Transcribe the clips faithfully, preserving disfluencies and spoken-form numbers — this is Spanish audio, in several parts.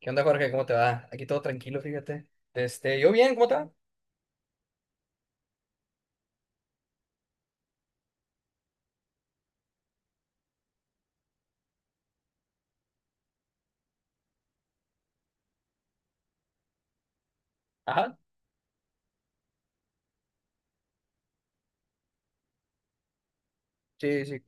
¿Qué onda, Jorge? ¿Cómo te va? Aquí todo tranquilo, fíjate. Este, yo bien, ¿cómo te va? Ajá. Sí, sí.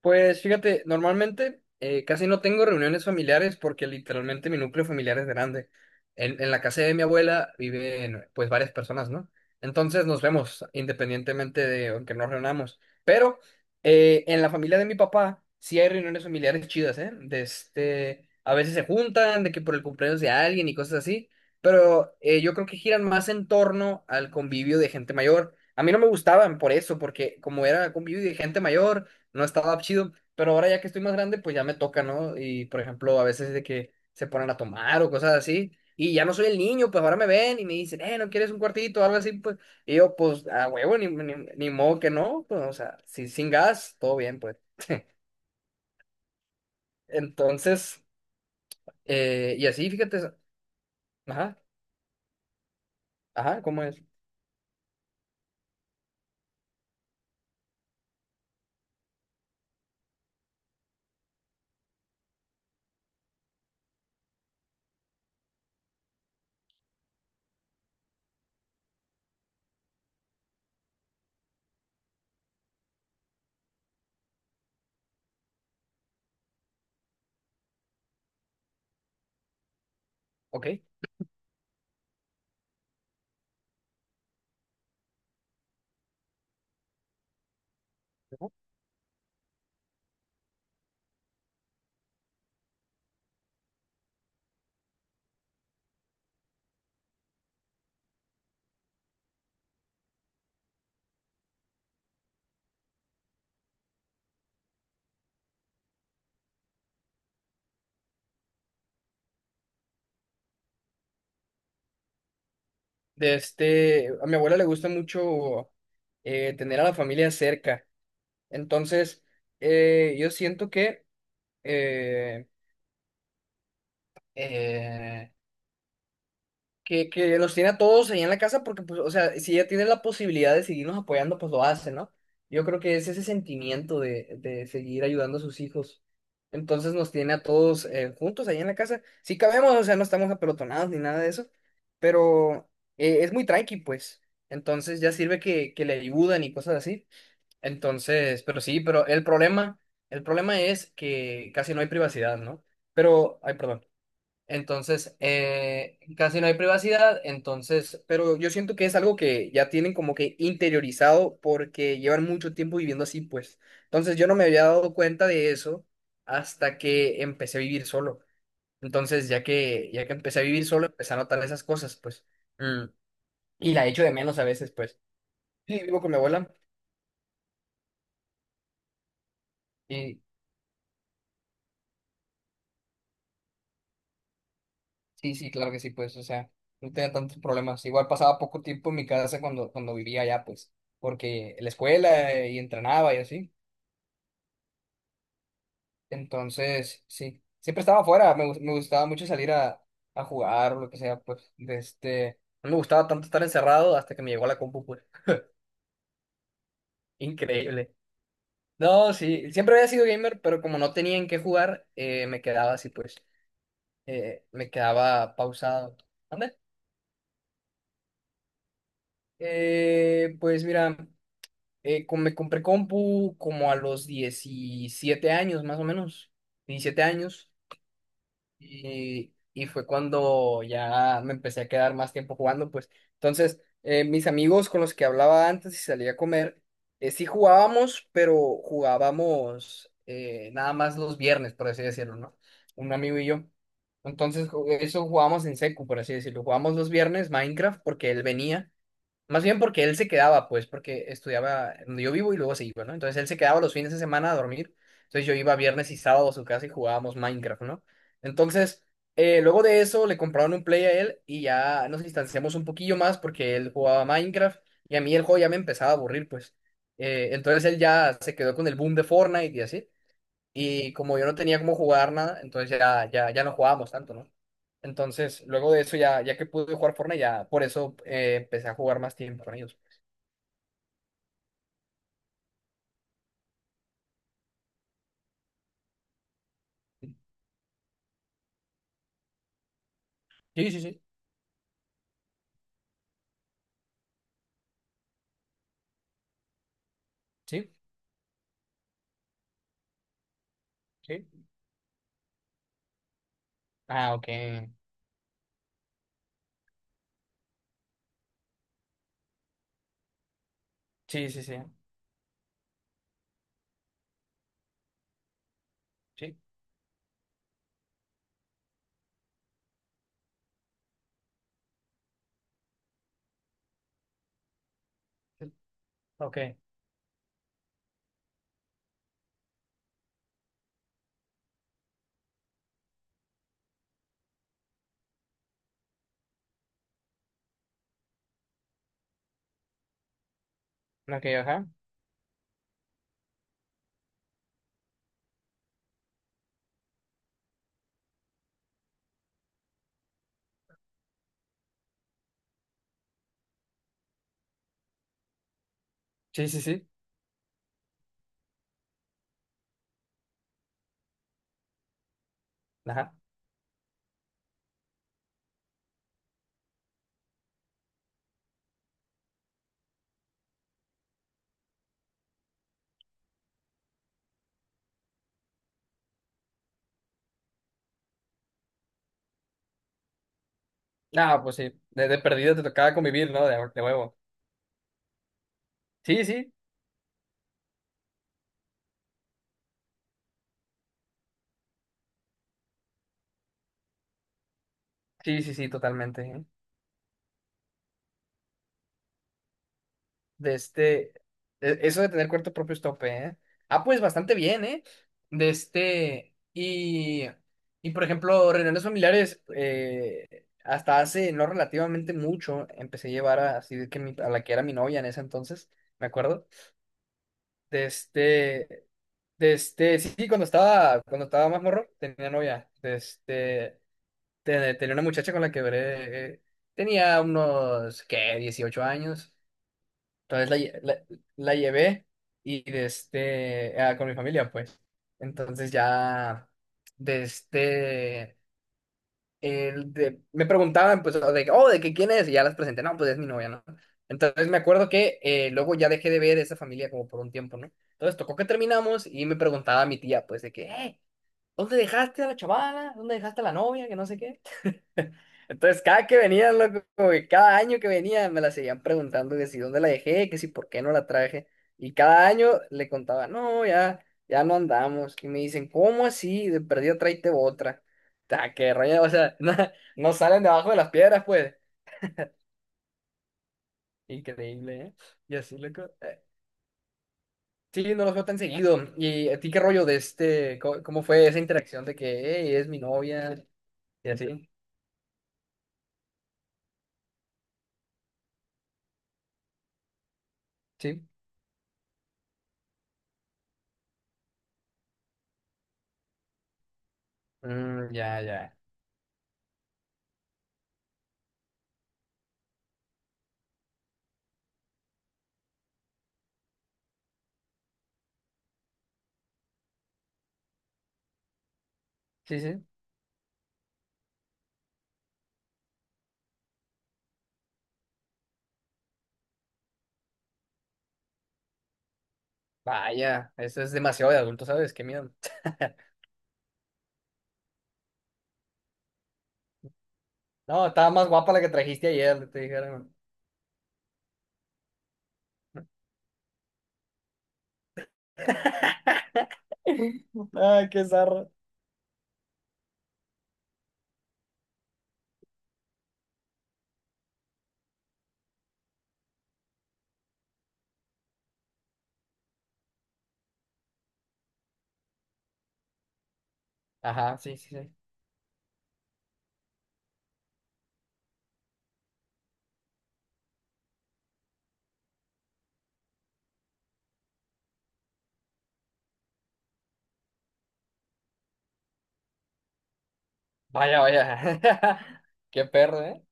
Pues fíjate, normalmente eh, casi no tengo reuniones familiares porque literalmente mi núcleo familiar es grande. En, en la casa de mi abuela viven pues varias personas, ¿no? Entonces nos vemos independientemente de aunque nos reunamos. Pero eh, en la familia de mi papá sí hay reuniones familiares chidas, ¿eh? De este, a veces se juntan, de que por el cumpleaños de alguien y cosas así. Pero eh, yo creo que giran más en torno al convivio de gente mayor. A mí no me gustaban por eso, porque como era convivio de gente mayor no estaba chido, pero ahora ya que estoy más grande, pues ya me toca, ¿no? Y por ejemplo, a veces de que se ponen a tomar o cosas así, y ya no soy el niño, pues ahora me ven y me dicen, eh, ¿no quieres un cuartito o algo así? Pues, y yo, pues, a huevo, ni, ni, ni modo que no, pues, o sea, si, sin gas, todo bien, pues. Entonces, eh, y así, fíjate, ajá, ajá, ¿cómo es? Ok. Ujú. De este, a mi abuela le gusta mucho eh, tener a la familia cerca, entonces, eh, yo siento que... eh, eh, que, que los tiene a todos ahí en la casa porque, pues, o sea, si ella tiene la posibilidad de seguirnos apoyando, pues lo hace, ¿no? Yo creo que es ese sentimiento de, de seguir ayudando a sus hijos. Entonces nos tiene a todos eh, juntos ahí en la casa. Sí cabemos, o sea, no estamos apelotonados ni nada de eso, pero eh, es muy tranqui, pues. Entonces ya sirve que, que le ayudan y cosas así. Entonces, pero sí, pero el problema, el problema es que casi no hay privacidad, ¿no? Pero, ay, perdón. Entonces, eh, casi no hay privacidad, entonces, pero yo siento que es algo que ya tienen como que interiorizado porque llevan mucho tiempo viviendo así, pues. Entonces, yo no me había dado cuenta de eso hasta que empecé a vivir solo. Entonces, ya que, ya que empecé a vivir solo, empecé a notar esas cosas, pues. Mm. Y la echo de menos a veces, pues. Sí, vivo con mi abuela y, Sí, sí, claro que sí, pues, o sea, no tenía tantos problemas. Igual pasaba poco tiempo en mi casa cuando, cuando vivía allá, pues, porque la escuela eh, y entrenaba y así. Entonces, sí, siempre estaba afuera, me, gus- me gustaba mucho salir a, a, jugar o lo que sea, pues, de este, no me gustaba tanto estar encerrado hasta que me llegó la compu, pues, increíble. No, sí, siempre había sido gamer, pero como no tenía en qué jugar, eh, me quedaba así, pues, eh, me quedaba pausado. ¿Anda? Eh, pues mira. Eh, com- me compré compu como a los diecisiete años, más o menos, diecisiete años, y, y fue cuando ya me empecé a quedar más tiempo jugando, pues. Entonces, eh, mis amigos con los que hablaba antes y salía a comer, eh, sí jugábamos, pero jugábamos eh, nada más los viernes, por así decirlo, ¿no? Un amigo y yo. Entonces, ju- eso jugábamos en secu, por así decirlo. Jugábamos los viernes Minecraft porque él venía. Más bien porque él se quedaba, pues, porque estudiaba donde yo vivo y luego se iba, ¿no? Entonces él se quedaba los fines de semana a dormir. Entonces yo iba viernes y sábado a su casa y jugábamos Minecraft, ¿no? Entonces, eh, luego de eso le compraron un Play a él y ya nos distanciamos un poquillo más porque él jugaba Minecraft y a mí el juego ya me empezaba a aburrir, pues. Eh, entonces él ya se quedó con el boom de Fortnite y así. Y como yo no tenía cómo jugar nada, entonces ya, ya, ya no jugábamos tanto, ¿no? Entonces, luego de eso, ya, ya que pude jugar Fortnite, ya por eso eh, empecé a jugar más tiempo con ellos. Sí, sí, sí, sí, sí. Ah, ok. Sí, sí, sí, sí. Ok, ok, ajá. Sí, sí, sí, ajá. Ah, pues sí, de, de perdida te tocaba convivir, ¿no? De, de huevo. Sí, sí, sí, sí, sí, totalmente. De este, e- eso de tener cuarto propio es tope, ¿eh? Ah, pues bastante bien, ¿eh? De este, y, y por ejemplo, reuniones familiares, eh, hasta hace no relativamente mucho, empecé a llevar a, así de que mi- a la que era mi novia en ese entonces, me acuerdo. De este, de este, sí, sí, cuando estaba, cuando estaba más morro, tenía novia. De este, te- tenía una muchacha con la que duré, eh, tenía unos, ¿qué? dieciocho años. Entonces la, lle- la, la llevé y de este, ah, con mi familia, pues. Entonces ya, de este, el de- me preguntaban, pues, o de, que, oh, ¿de que quién es? Y ya las presenté, no, pues es mi novia, ¿no? Entonces me acuerdo que eh, luego ya dejé de ver esa familia como por un tiempo, ¿no? Entonces tocó que terminamos y me preguntaba a mi tía, pues, de que: "Eh, ¿dónde dejaste a la chavala? ¿Dónde dejaste a la novia? Que no sé qué". Entonces, cada que venían, loco, como que cada año que venían, me la seguían preguntando que si dónde la dejé, que si por qué no la traje. Y cada año le contaba: no, ya, ya no andamos. Y me dicen: ¿cómo así? De perdida tráete otra. Ta, qué rollo o sea, no, no salen debajo de las piedras, pues. Increíble, ¿eh? Y así, loco. eh, Sí, no los veo tan seguido. ¿Y a ti qué rollo de este? ¿Cómo, cómo fue esa interacción de que, hey, es mi novia? Y así, sí. Mm, ya, ya. Sí, sí. Vaya, eso es demasiado de adulto, ¿sabes? Qué miedo. No, estaba más guapa la que trajiste ayer, te dijeron. Ay, qué zarra. Ajá, sí, sí, sí. Vaya, vaya. Qué perro, ¿eh?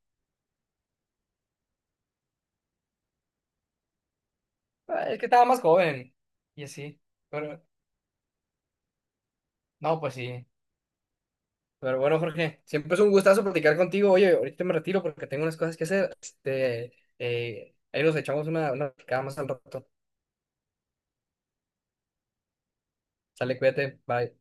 Ah, es que estaba más joven. Y así. Pero, no, pues sí. Pero bueno, Jorge, siempre es un gustazo platicar contigo. Oye, ahorita me retiro porque tengo unas cosas que hacer. Este, eh, ahí nos echamos una, una platicada más al rato. Sale, cuídate. Bye.